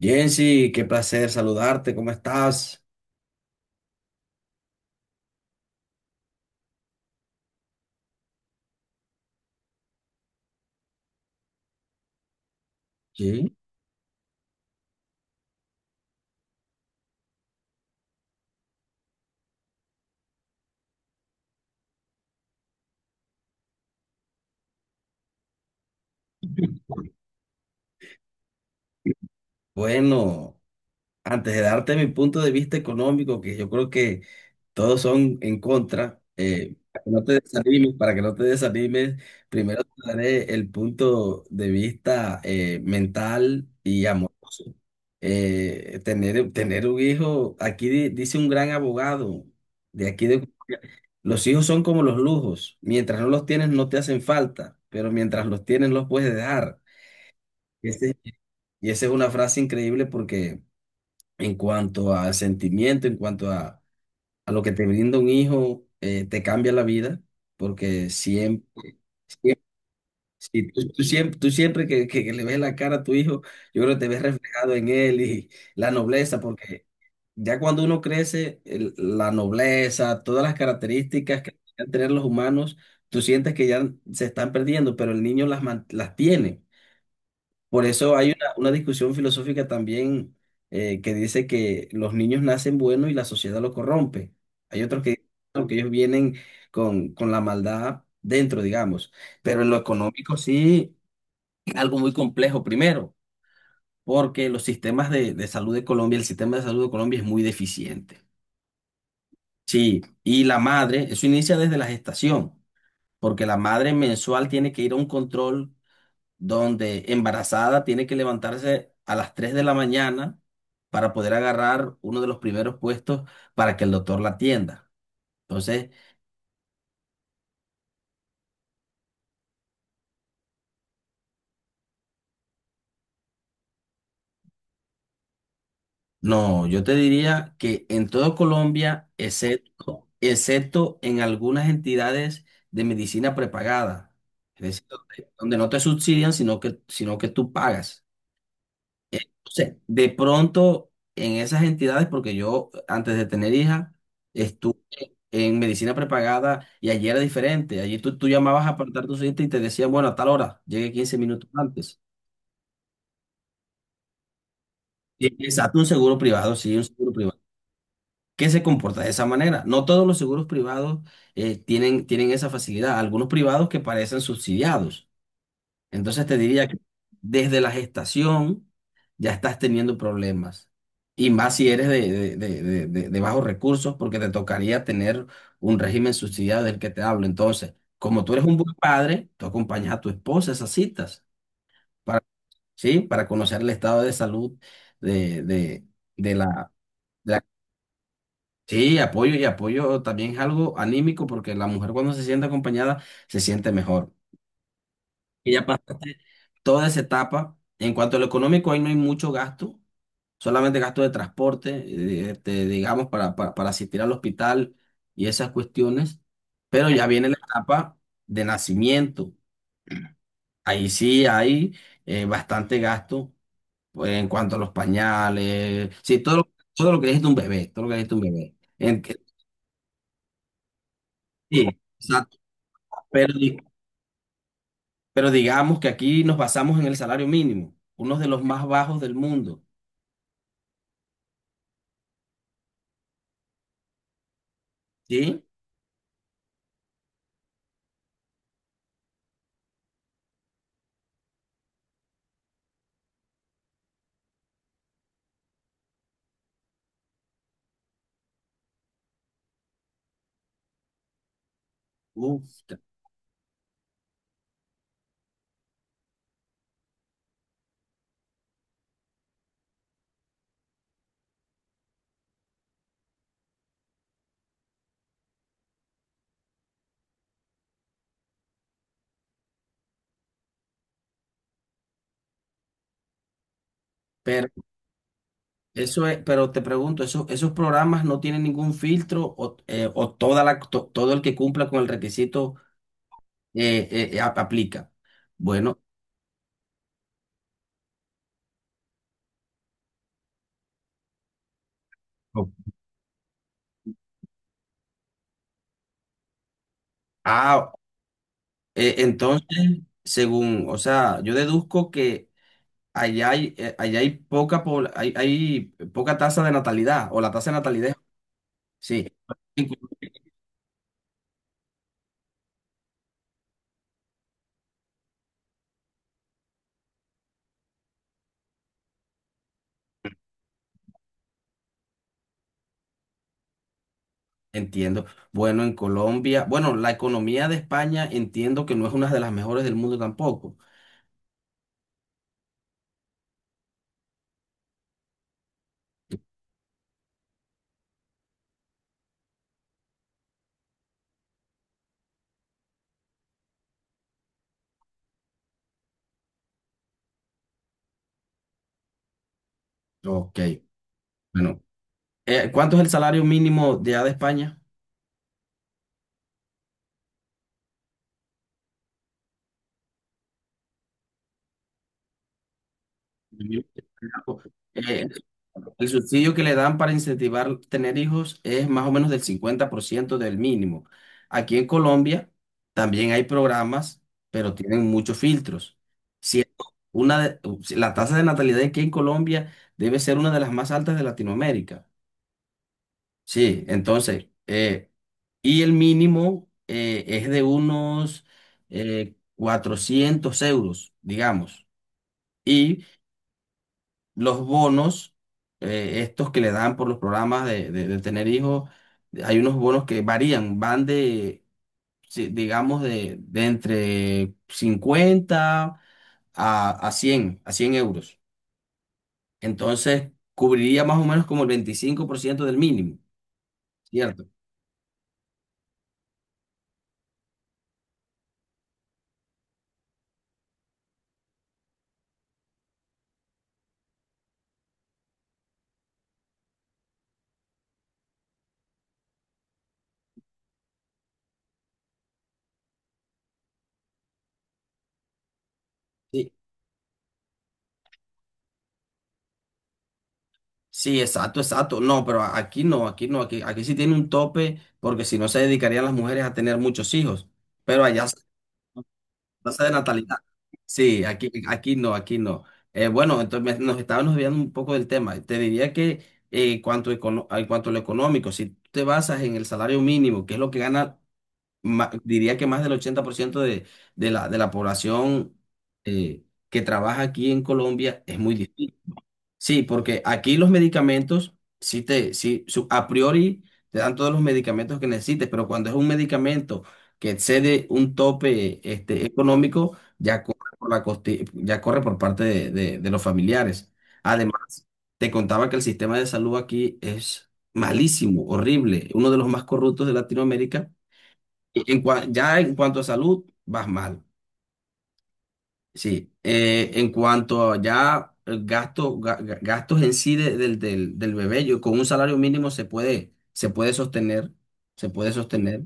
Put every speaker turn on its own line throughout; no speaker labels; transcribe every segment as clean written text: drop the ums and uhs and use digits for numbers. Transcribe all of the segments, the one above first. Jensi, qué placer saludarte, ¿cómo estás? Sí, bueno, antes de darte mi punto de vista económico, que yo creo que todos son en contra, para que no te desanimes, para que no te desanimes, primero te daré el punto de vista mental y amoroso. Tener, un hijo, aquí dice un gran abogado, de aquí de, los hijos son como los lujos, mientras no los tienes no te hacen falta, pero mientras los tienes los puedes dejar. Y ese- y esa es una frase increíble porque en cuanto a sentimiento, en cuanto a lo que te brinda un hijo, te cambia la vida, porque siempre si tú siempre, que, que le ves la cara a tu hijo, yo creo que te ves reflejado en él y la nobleza, porque ya cuando uno crece, la nobleza, todas las características que deben tener los humanos, tú sientes que ya se están perdiendo, pero el niño las, las tiene. Por eso hay una discusión filosófica también que dice que los niños nacen buenos y la sociedad los corrompe. Hay otros que dicen: "No, que ellos vienen con la maldad dentro, digamos". Pero en lo económico sí, algo muy complejo primero, porque los sistemas de salud de Colombia, el sistema de salud de Colombia es muy deficiente. Sí, y la madre, eso inicia desde la gestación, porque la madre mensual tiene que ir a un control donde embarazada tiene que levantarse a las 3 de la mañana para poder agarrar uno de los primeros puestos para que el doctor la atienda. Entonces, no, yo te diría que en todo Colombia, excepto en algunas entidades de medicina prepagada, es decir, donde no te subsidian, sino que tú pagas. Entonces, de pronto, en esas entidades, porque yo antes de tener hija, en medicina prepagada y allí era diferente. Allí tú llamabas a apartar tu cita y te decían, bueno, a tal hora, llegue 15 minutos antes. Exacto, un seguro privado, sí, un seguro privado. ¿Que se comporta de esa manera? No todos los seguros privados tienen, esa facilidad. Algunos privados que parecen subsidiados. Entonces te diría que desde la gestación ya estás teniendo problemas. Y más si eres de, de bajos recursos, porque te tocaría tener un régimen subsidiado del que te hablo. Entonces, como tú eres un buen padre, tú acompañas a tu esposa a esas citas para, ¿sí?, para conocer el estado de salud de, de la, de la- sí, apoyo, y apoyo también es algo anímico porque la mujer cuando se siente acompañada se siente mejor. Ella toda esa etapa. En cuanto a lo económico, ahí no hay mucho gasto, solamente gasto de transporte, este, digamos, para, para asistir al hospital y esas cuestiones. Pero ya viene la etapa de nacimiento. Ahí sí hay bastante gasto, pues en cuanto a los pañales, sí, todo lo que necesita un bebé, En sí, exacto. Pero, pero digamos que aquí nos basamos en el salario mínimo, uno de los más bajos del mundo, ¿sí? Uf, pero eso es. Pero te pregunto, ¿esos programas no tienen ningún filtro, o toda la, todo el que cumpla con el requisito aplica? Bueno, oh, ah, entonces, según, o sea, yo deduzco que allá hay poca, hay, poca tasa de natalidad, o la tasa de natalidad, sí, entiendo. Bueno, en Colombia, bueno, la economía de España entiendo que no es una de las mejores del mundo tampoco. Ok, bueno. ¿Cuánto es el salario mínimo de allá de España? Eh, el subsidio que le dan para incentivar tener hijos es más o menos del 50% del mínimo. Aquí en Colombia también hay programas, pero tienen muchos filtros. Siendo si la tasa de natalidad aquí en Colombia debe ser una de las más altas de Latinoamérica. Sí, entonces, y el mínimo es de unos 400 euros, digamos. Y los bonos, estos que le dan por los programas de tener hijos, hay unos bonos que varían, van de, digamos, de entre 50 a, a 100 euros. Entonces, cubriría más o menos como el 25% del mínimo, ¿cierto? Sí, sí, exacto, exacto. No, pero aquí no, aquí no, aquí, sí tiene un tope, porque si no se dedicarían las mujeres a tener muchos hijos. Pero allá tasa de natalidad. Sí, aquí, aquí no. Bueno, entonces nos estábamos olvidando un poco del tema. Te diría que en cuanto a lo económico, si tú te basas en el salario mínimo, que es lo que gana, diría que más del 80% de de la población eh, que trabaja aquí en Colombia, es muy difícil. Sí, porque aquí los medicamentos, a priori te dan todos los medicamentos que necesites, pero cuando es un medicamento que excede un tope, este, económico, ya corre por la ya corre por parte de, de los familiares. Además, te contaba que el sistema de salud aquí es malísimo, horrible, uno de los más corruptos de Latinoamérica. Y en ya en cuanto a salud, vas mal. Sí, en cuanto a ya el gasto, gastos en sí del bebé, yo con un salario mínimo se puede, se puede sostener.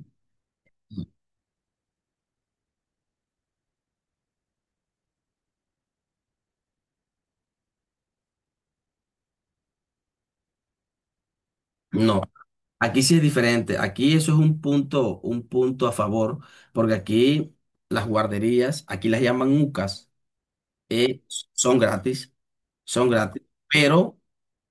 No, aquí sí es diferente. Aquí eso es un punto a favor, porque aquí las guarderías, aquí las llaman UCAS. eh, son gratis, son gratis, pero,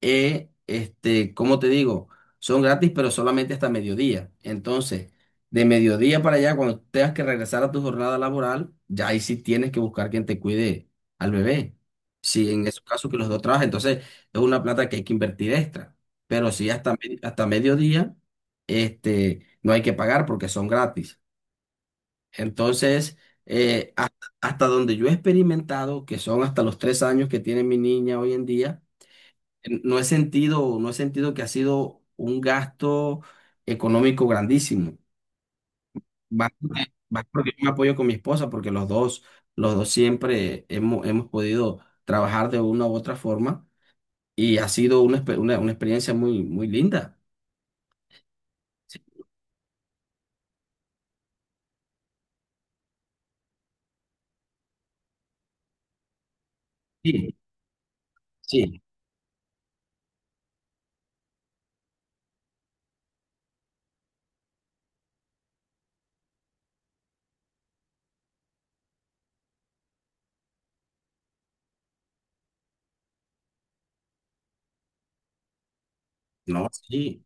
este, ¿cómo te digo? Son gratis, pero solamente hasta mediodía. Entonces, de mediodía para allá, cuando tengas que regresar a tu jornada laboral, ya ahí sí tienes que buscar quien te cuide al bebé. Si en esos casos que los dos trabajan, entonces es una plata que hay que invertir extra. Pero si hasta, hasta mediodía, este, no hay que pagar porque son gratis. Entonces, eh, ha- hasta donde yo he experimentado, que son hasta los 3 años que tiene mi niña hoy en día, no he sentido, que ha sido un gasto económico grandísimo. Va, porque yo me apoyo con mi esposa, porque los dos siempre hemos podido trabajar de una u otra forma y ha sido una experiencia muy, muy linda. Sí, sí, sí, no, sí.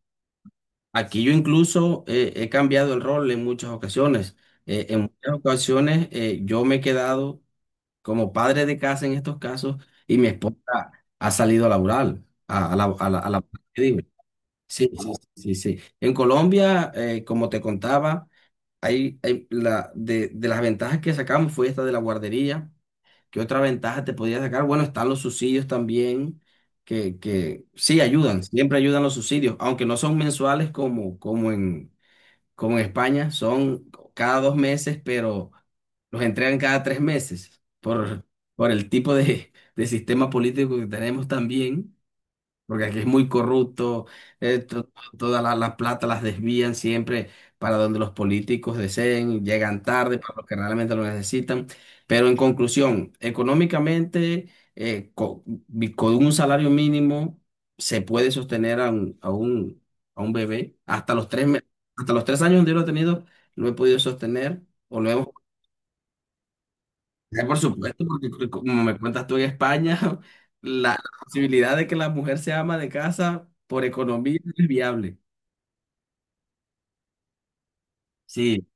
Aquí yo incluso he cambiado el rol en muchas ocasiones. En muchas ocasiones yo me he quedado como padre de casa en estos casos y mi esposa ha salido a laborar, a, a la, a la- a la- ¿qué digo? Sí, sí, sí, sí. En Colombia, como te contaba, de las ventajas que sacamos fue esta de la guardería. ¿Qué otra ventaja te podía sacar? Bueno, están los subsidios también que sí ayudan, siempre ayudan los subsidios, aunque no son mensuales como, como en España, son cada 2 meses, pero los entregan cada 3 meses por el tipo de sistema político que tenemos también, porque aquí es muy corrupto, eh, to- todas las plata las desvían siempre para donde los políticos deseen, llegan tarde para los que realmente lo necesitan. Pero en conclusión, económicamente, con un salario mínimo se puede sostener a un, a un bebé hasta los tres, hasta los 3 años. Donde yo lo he tenido, lo he podido sostener o lo hemos. Por supuesto, porque como me cuentas tú en España, la, posibilidad de que la mujer se ama de casa por economía es viable. Sí,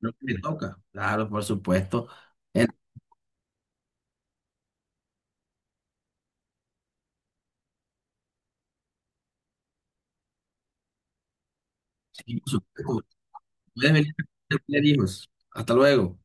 lo que le toca. Claro, por supuesto. Eh, sí, por supuesto. Puedes venir a tener hijos. Hasta luego.